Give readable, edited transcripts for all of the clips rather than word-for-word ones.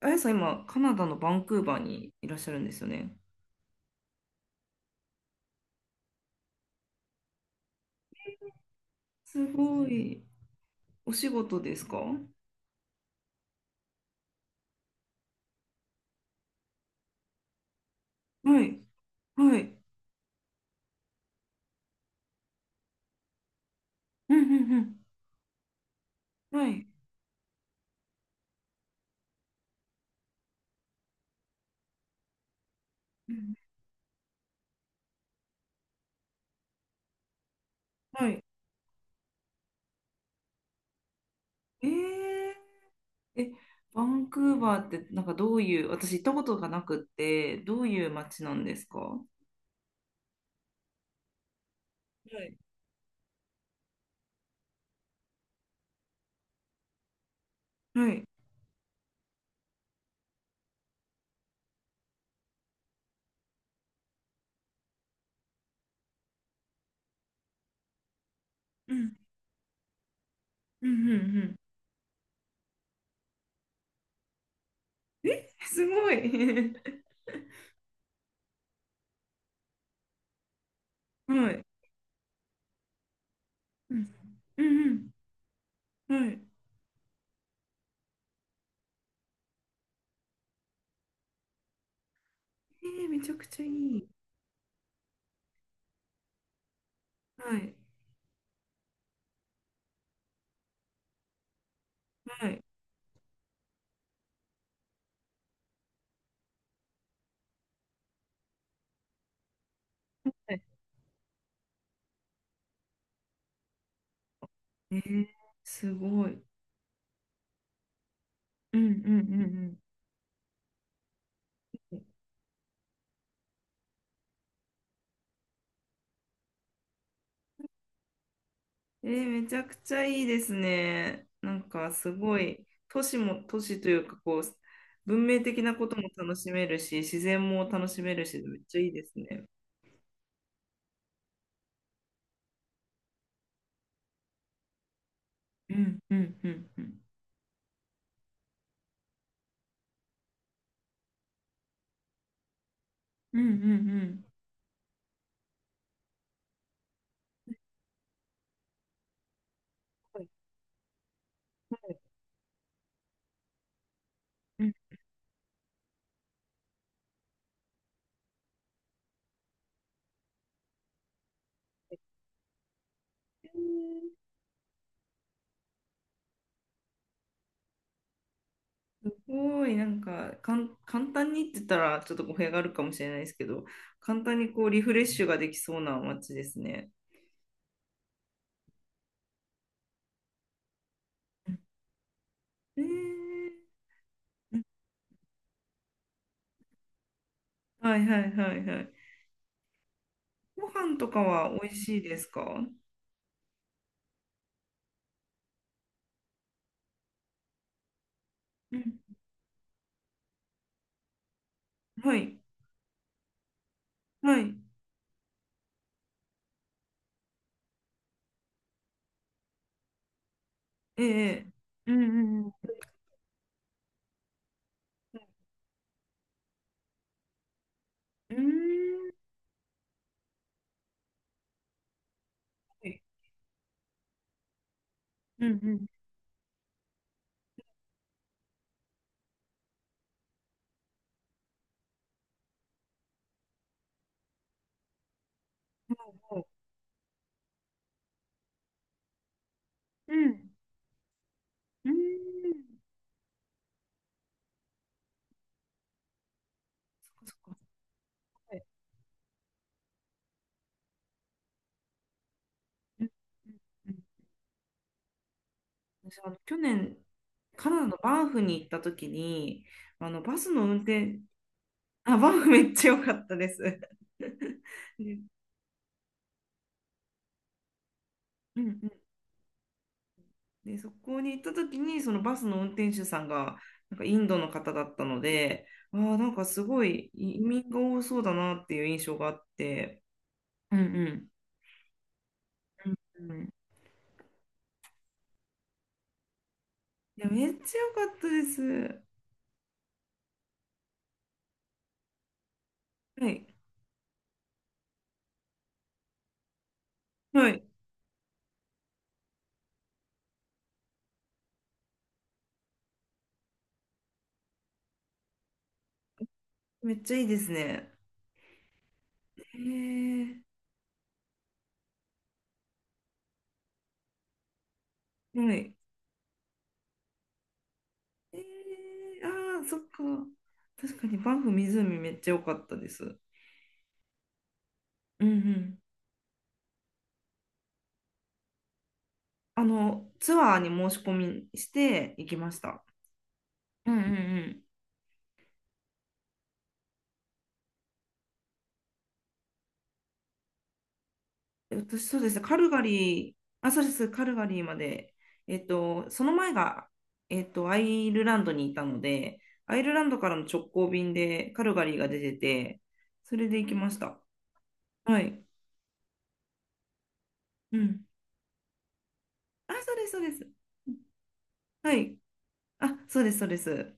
あやさん、今、カナダのバンクーバーにいらっしゃるんですよね。すごい。お仕事ですか？はい。はい。うんうんうん。はい。うんはい。えー、え、バンクーバーって、なんかどういう、私行ったことがなくって、どういう街なんですか？はい。はい。うん。うんうんうん。すごい。はい。うん。うんうん。はい。えー、めちゃくちゃいい。はい。はい。はい。えー、すごい。うんうんうんうん。えー、めちゃくちゃいいですね。なんかすごい、都市も都市というか、こう、文明的なことも楽しめるし、自然も楽しめるし、めっちゃいいですね。うんうんうんうん。うんうんうん。はいはい。うん。すごい、簡単にって言ったら、ちょっと語弊があるかもしれないですけど、簡単にこう、リフレッシュができそうな街ですね。うん。えー。はいはいはいはい。ご飯とかは美味しいですか？うん。はい。はい。ええ。うんうんうん。うーん。はい。うんうん。はう。ほう。うん。うーん。そっかそっか。はい。うんうんうん。私、あの、去年、カナダのバンフに行った時に、あの、バスの運転、あ、バンフめっちゃ良かったです。で、うんうん、で、そこに行った時に、そのバスの運転手さんが、なんかインドの方だったので、ああ、なんかすごい移民が多そうだなっていう印象があって、うんうんうんうん。いや、めっちゃ良かったです。はい。はい。めっちゃいいですね。へえ。はい。えー、ああ、そっか。確かにバンフ湖めっちゃ良かったです。うんうん。あの、ツアーに申し込みして行きました。うんうんうん。私、そうですね、カルガリー、あ、そうです、カルガリーまで、えっと、その前が、えっと、アイルランドにいたので、アイルランドからの直行便でカルガリーが出てて、それで行きました。はい。うん。あ、そうです、そうです。はい。あ、そうです、そうです。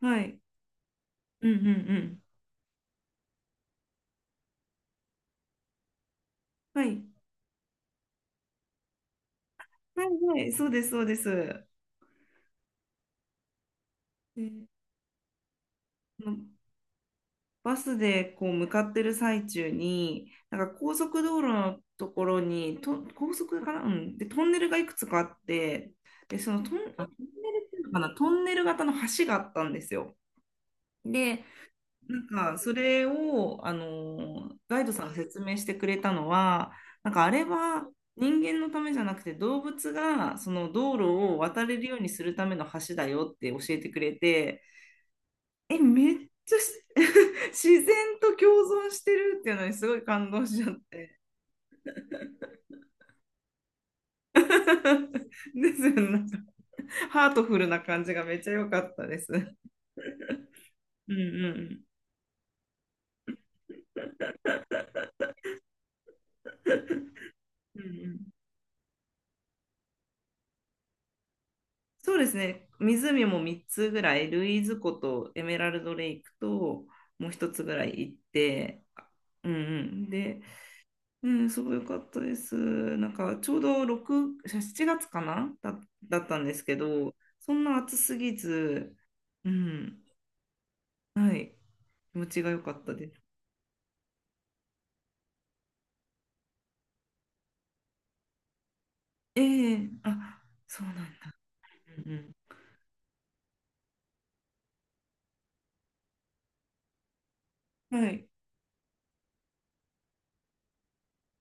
はい。うんうんうん。はい。はい、はい、そうです、そうです。で、あの、バスでこう向かってる最中に、なんか高速道路のところに、高速かな、うん、で、トンネルがいくつかあって、で、トンネルっていうのかな、トンネル型の橋があったんですよ。で、なんかそれを、ガイドさんが説明してくれたのは、なんかあれは人間のためじゃなくて動物がその道路を渡れるようにするための橋だよって教えてくれて、え、めっちゃし 自然と共存してるっていうのにすごい感動しちゃって。ですよね。なんかハートフルな感じがめっちゃ良かったです。うんうんうん。うんうん、そうですね。湖も3つぐらい、ルイーズ湖とエメラルドレイクと、もう一つぐらい行って、うんうん。で、うん、すごい良かったです。なんかちょうど6、7月かなだったんですけど、そんな暑すぎず、うん。はい。気持ちが良かったです。ええ、あ、そうなんだ。うんうん。はい。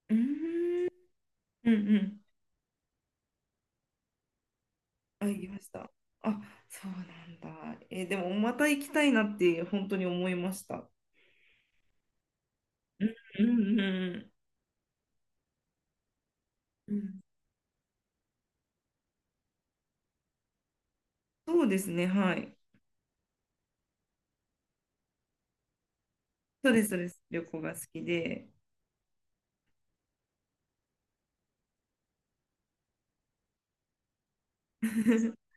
うーん、うんうん。あ、言いました。あ、そうなんだ。えー、でもまた行きたいなって本当に思いました。うんうんうん。うん。そうですね、はい。そうです、そうです。旅行が好きで。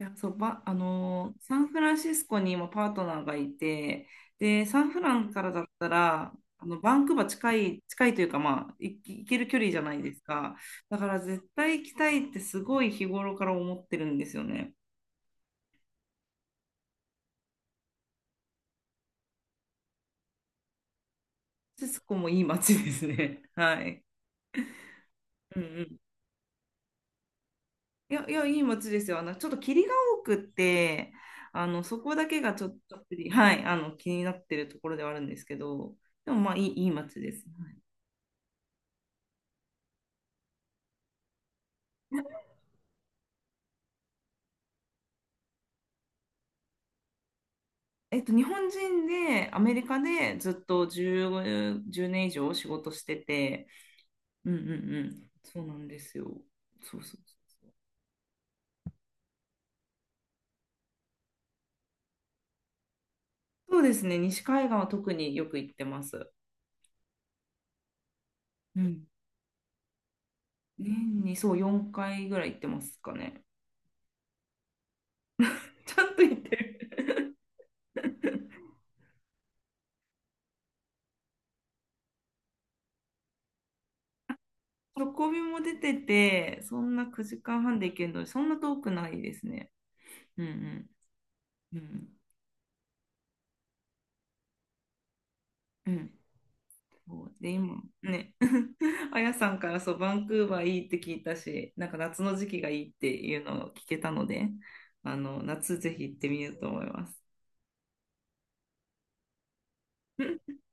いや、そう、ば、あのーサンフランシスコにもパートナーがいて、で、サンフランからだったら、あの、バンクーバー近い、近いというか、まあ、行ける距離じゃないですか？だから絶対行きたいってすごい日頃から思ってるんですよね。シスコもいい街ですね。はい。うんうん。いや、いや、いい街ですよ。あの、ちょっと霧が多くって、あの、そこだけがちょっと、はい、あの、気になってるところではあるんですけど、でもまあ、いい、いい街です。えっと、日本人でアメリカでずっと10、年以上仕事してて、うんうんうん、そうなんですよ。そうそうそう。そうですね、西海岸は特によく行ってます。うん。年にそう4回ぐらい行ってますかね。ちゃんと行ってる。直びも出てて、そんな9時間半で行けるので、そんな遠くないですね。うんうん。うん。うん。そうで、今、ね、あやさんからそう、バンクーバーいいって聞いたし、なんか夏の時期がいいっていうのを聞けたので、あの、夏ぜひ行ってみようと思います。